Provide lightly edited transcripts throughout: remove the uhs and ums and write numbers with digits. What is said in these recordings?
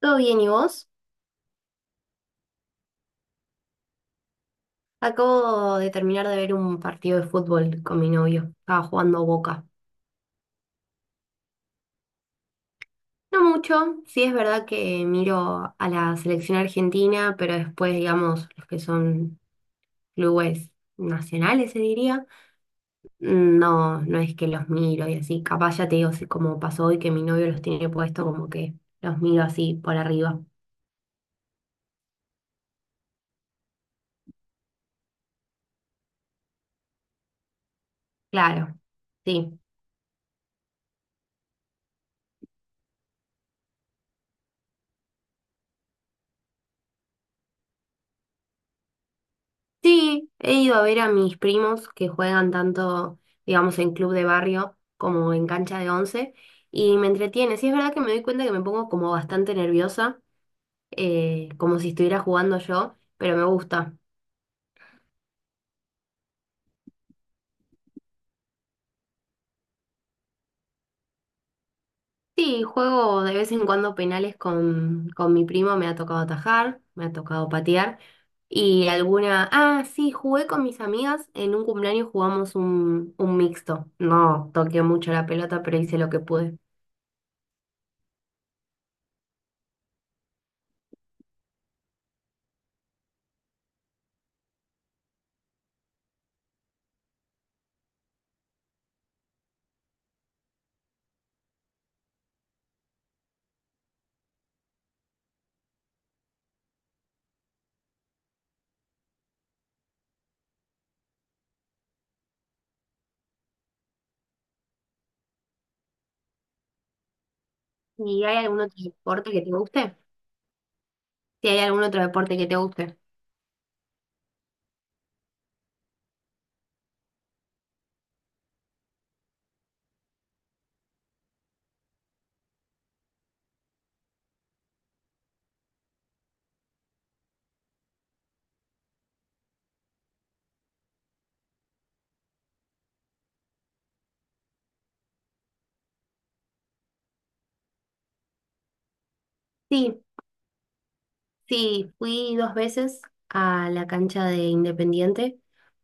¿Todo bien y vos? Acabo de terminar de ver un partido de fútbol con mi novio. Estaba jugando Boca. No mucho, sí es verdad que miro a la selección argentina, pero después, digamos, los que son clubes nacionales, se diría, no, no es que los miro y así. Capaz ya te digo, así como pasó hoy que mi novio los tiene puesto, como que los miro así por arriba. Claro, sí. Sí, he ido a ver a mis primos que juegan tanto, digamos, en club de barrio como en cancha de 11 y me entretiene. Sí, es verdad que me doy cuenta que me pongo como bastante nerviosa, como si estuviera jugando yo, pero me gusta. Sí, juego de vez en cuando penales con mi primo, me ha tocado atajar, me ha tocado patear y Ah, sí, jugué con mis amigas, en un cumpleaños jugamos un mixto. No toqué mucho la pelota, pero hice lo que pude. ¿Y hay algún otro deporte que te guste? Si hay algún otro deporte que te guste. Sí, sí, fui dos veces a la cancha de Independiente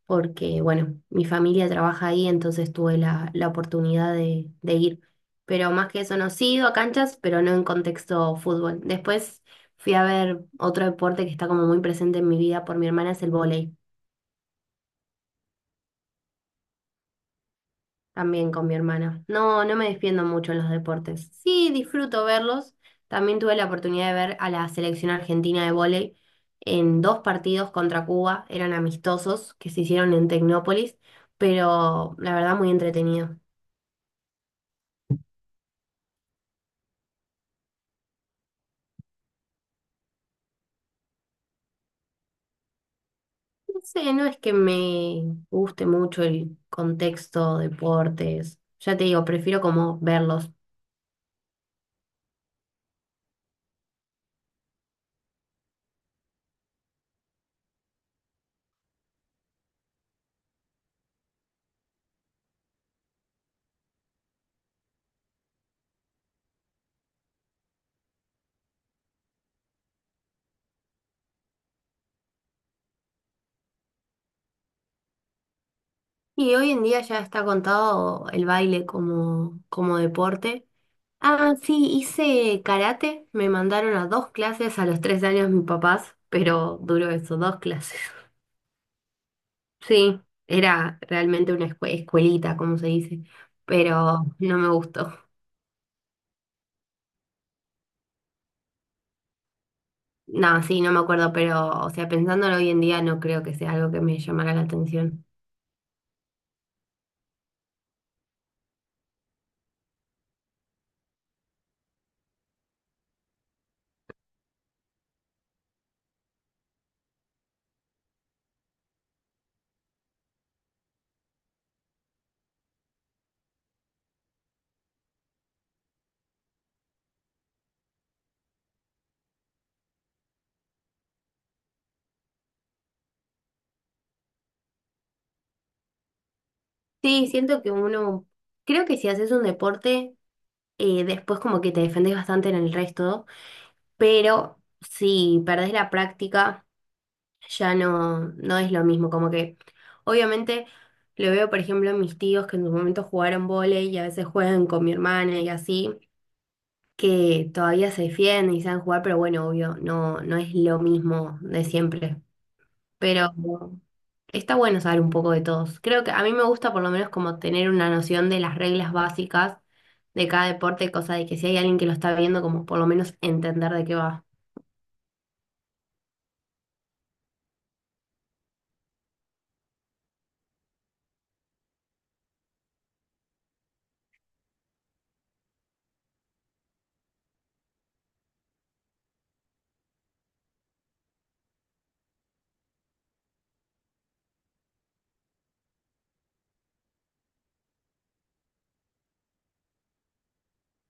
porque, bueno, mi familia trabaja ahí, entonces tuve la oportunidad de ir. Pero más que eso, no, sí he ido a canchas, pero no en contexto fútbol. Después fui a ver otro deporte que está como muy presente en mi vida por mi hermana, es el vóley. También con mi hermana. No, no me defiendo mucho en los deportes. Sí, disfruto verlos. También tuve la oportunidad de ver a la selección argentina de vóley en dos partidos contra Cuba. Eran amistosos que se hicieron en Tecnópolis, pero la verdad muy entretenido. No sé, no es que me guste mucho el contexto, deportes. Ya te digo, prefiero como verlos. Y hoy en día ya está contado el baile como, como deporte. Ah, sí, hice karate. Me mandaron a dos clases a los 3 años mis papás, pero duró eso, dos clases. Sí, era realmente una escuelita, como se dice, pero no me gustó. No, sí, no me acuerdo, pero, o sea, pensándolo hoy en día, no creo que sea algo que me llamara la atención. Sí, siento que uno, creo que si haces un deporte, después como que te defendés bastante en el resto, pero si perdés la práctica ya no, no es lo mismo, como que obviamente lo veo, por ejemplo, en mis tíos que en su momento jugaron vóley y a veces juegan con mi hermana y así, que todavía se defienden y saben jugar, pero bueno, obvio, no, no es lo mismo de siempre. Pero está bueno saber un poco de todos. Creo que a mí me gusta por lo menos como tener una noción de las reglas básicas de cada deporte, cosa de que si hay alguien que lo está viendo, como por lo menos entender de qué va.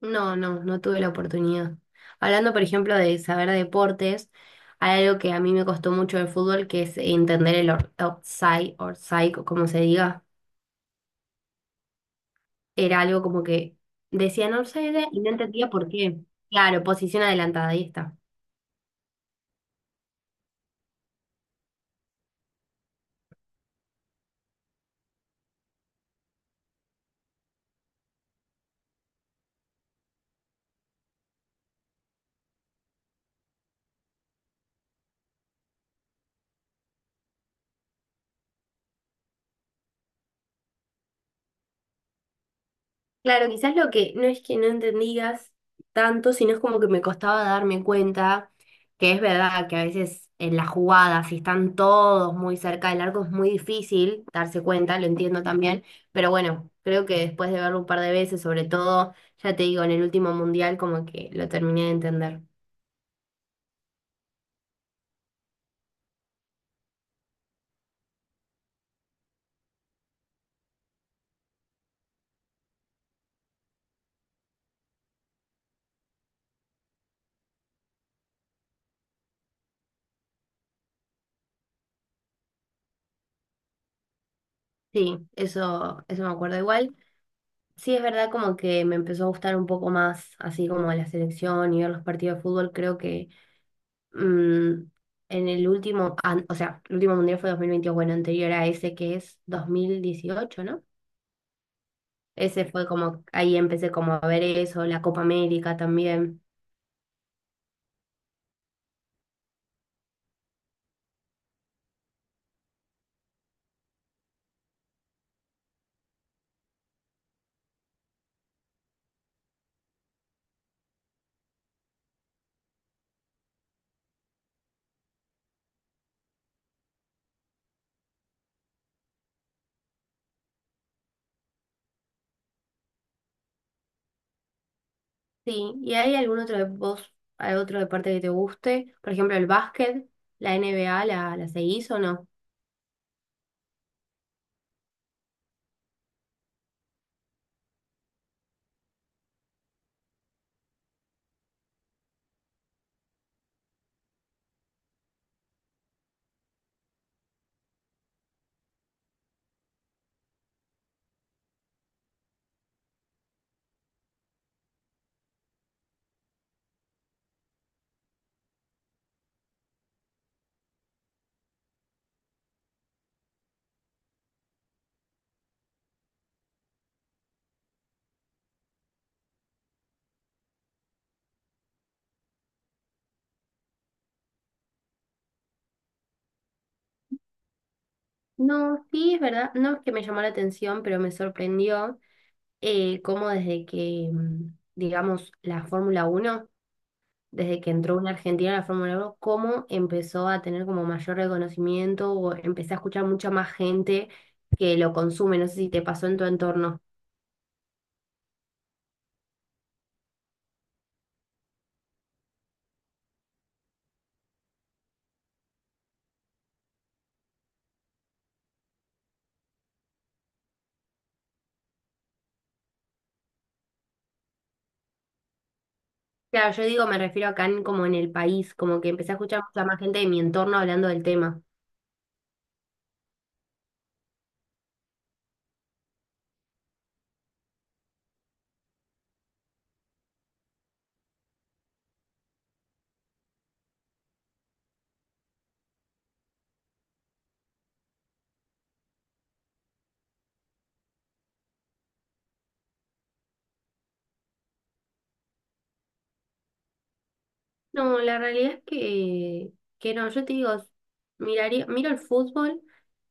No, no, no tuve la oportunidad. Hablando, por ejemplo, de saber deportes, hay algo que a mí me costó mucho del fútbol, que es entender el offside, side o como se diga. Era algo como que decían offside y no entendía por qué. Claro, posición adelantada, ahí está. Claro, quizás lo que no es que no entendías tanto, sino es como que me costaba darme cuenta que es verdad que a veces en las jugadas, si están todos muy cerca del arco, es muy difícil darse cuenta, lo entiendo también, pero bueno, creo que después de verlo un par de veces, sobre todo, ya te digo, en el último mundial, como que lo terminé de entender. Sí, eso me acuerdo igual. Sí, es verdad como que me empezó a gustar un poco más, así como la selección y ver los partidos de fútbol, creo que mm, en el último, o sea, el último mundial fue 2022, bueno, anterior a ese que es 2018, ¿no? Ese fue como, ahí empecé como a ver eso, la Copa América también. Sí, ¿y hay algún otro de vos, hay otro deporte que te guste? Por ejemplo, el básquet, la NBA, ¿la seguís o no? No, sí, es verdad, no es que me llamó la atención, pero me sorprendió cómo desde que, digamos, la Fórmula 1 desde que entró una argentina a la Fórmula 1 cómo empezó a tener como mayor reconocimiento o empecé a escuchar mucha más gente que lo consume. No sé si te pasó en tu entorno. Claro, yo digo, me refiero acá como en el país, como que empecé a escuchar mucha más gente de mi entorno hablando del tema. No, la realidad es que, no, yo te digo, miraría, miro el fútbol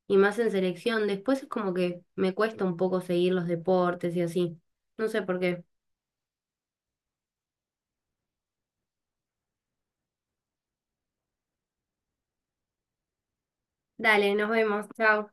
y más en selección. Después es como que me cuesta un poco seguir los deportes y así. No sé por qué. Dale, nos vemos. Chao.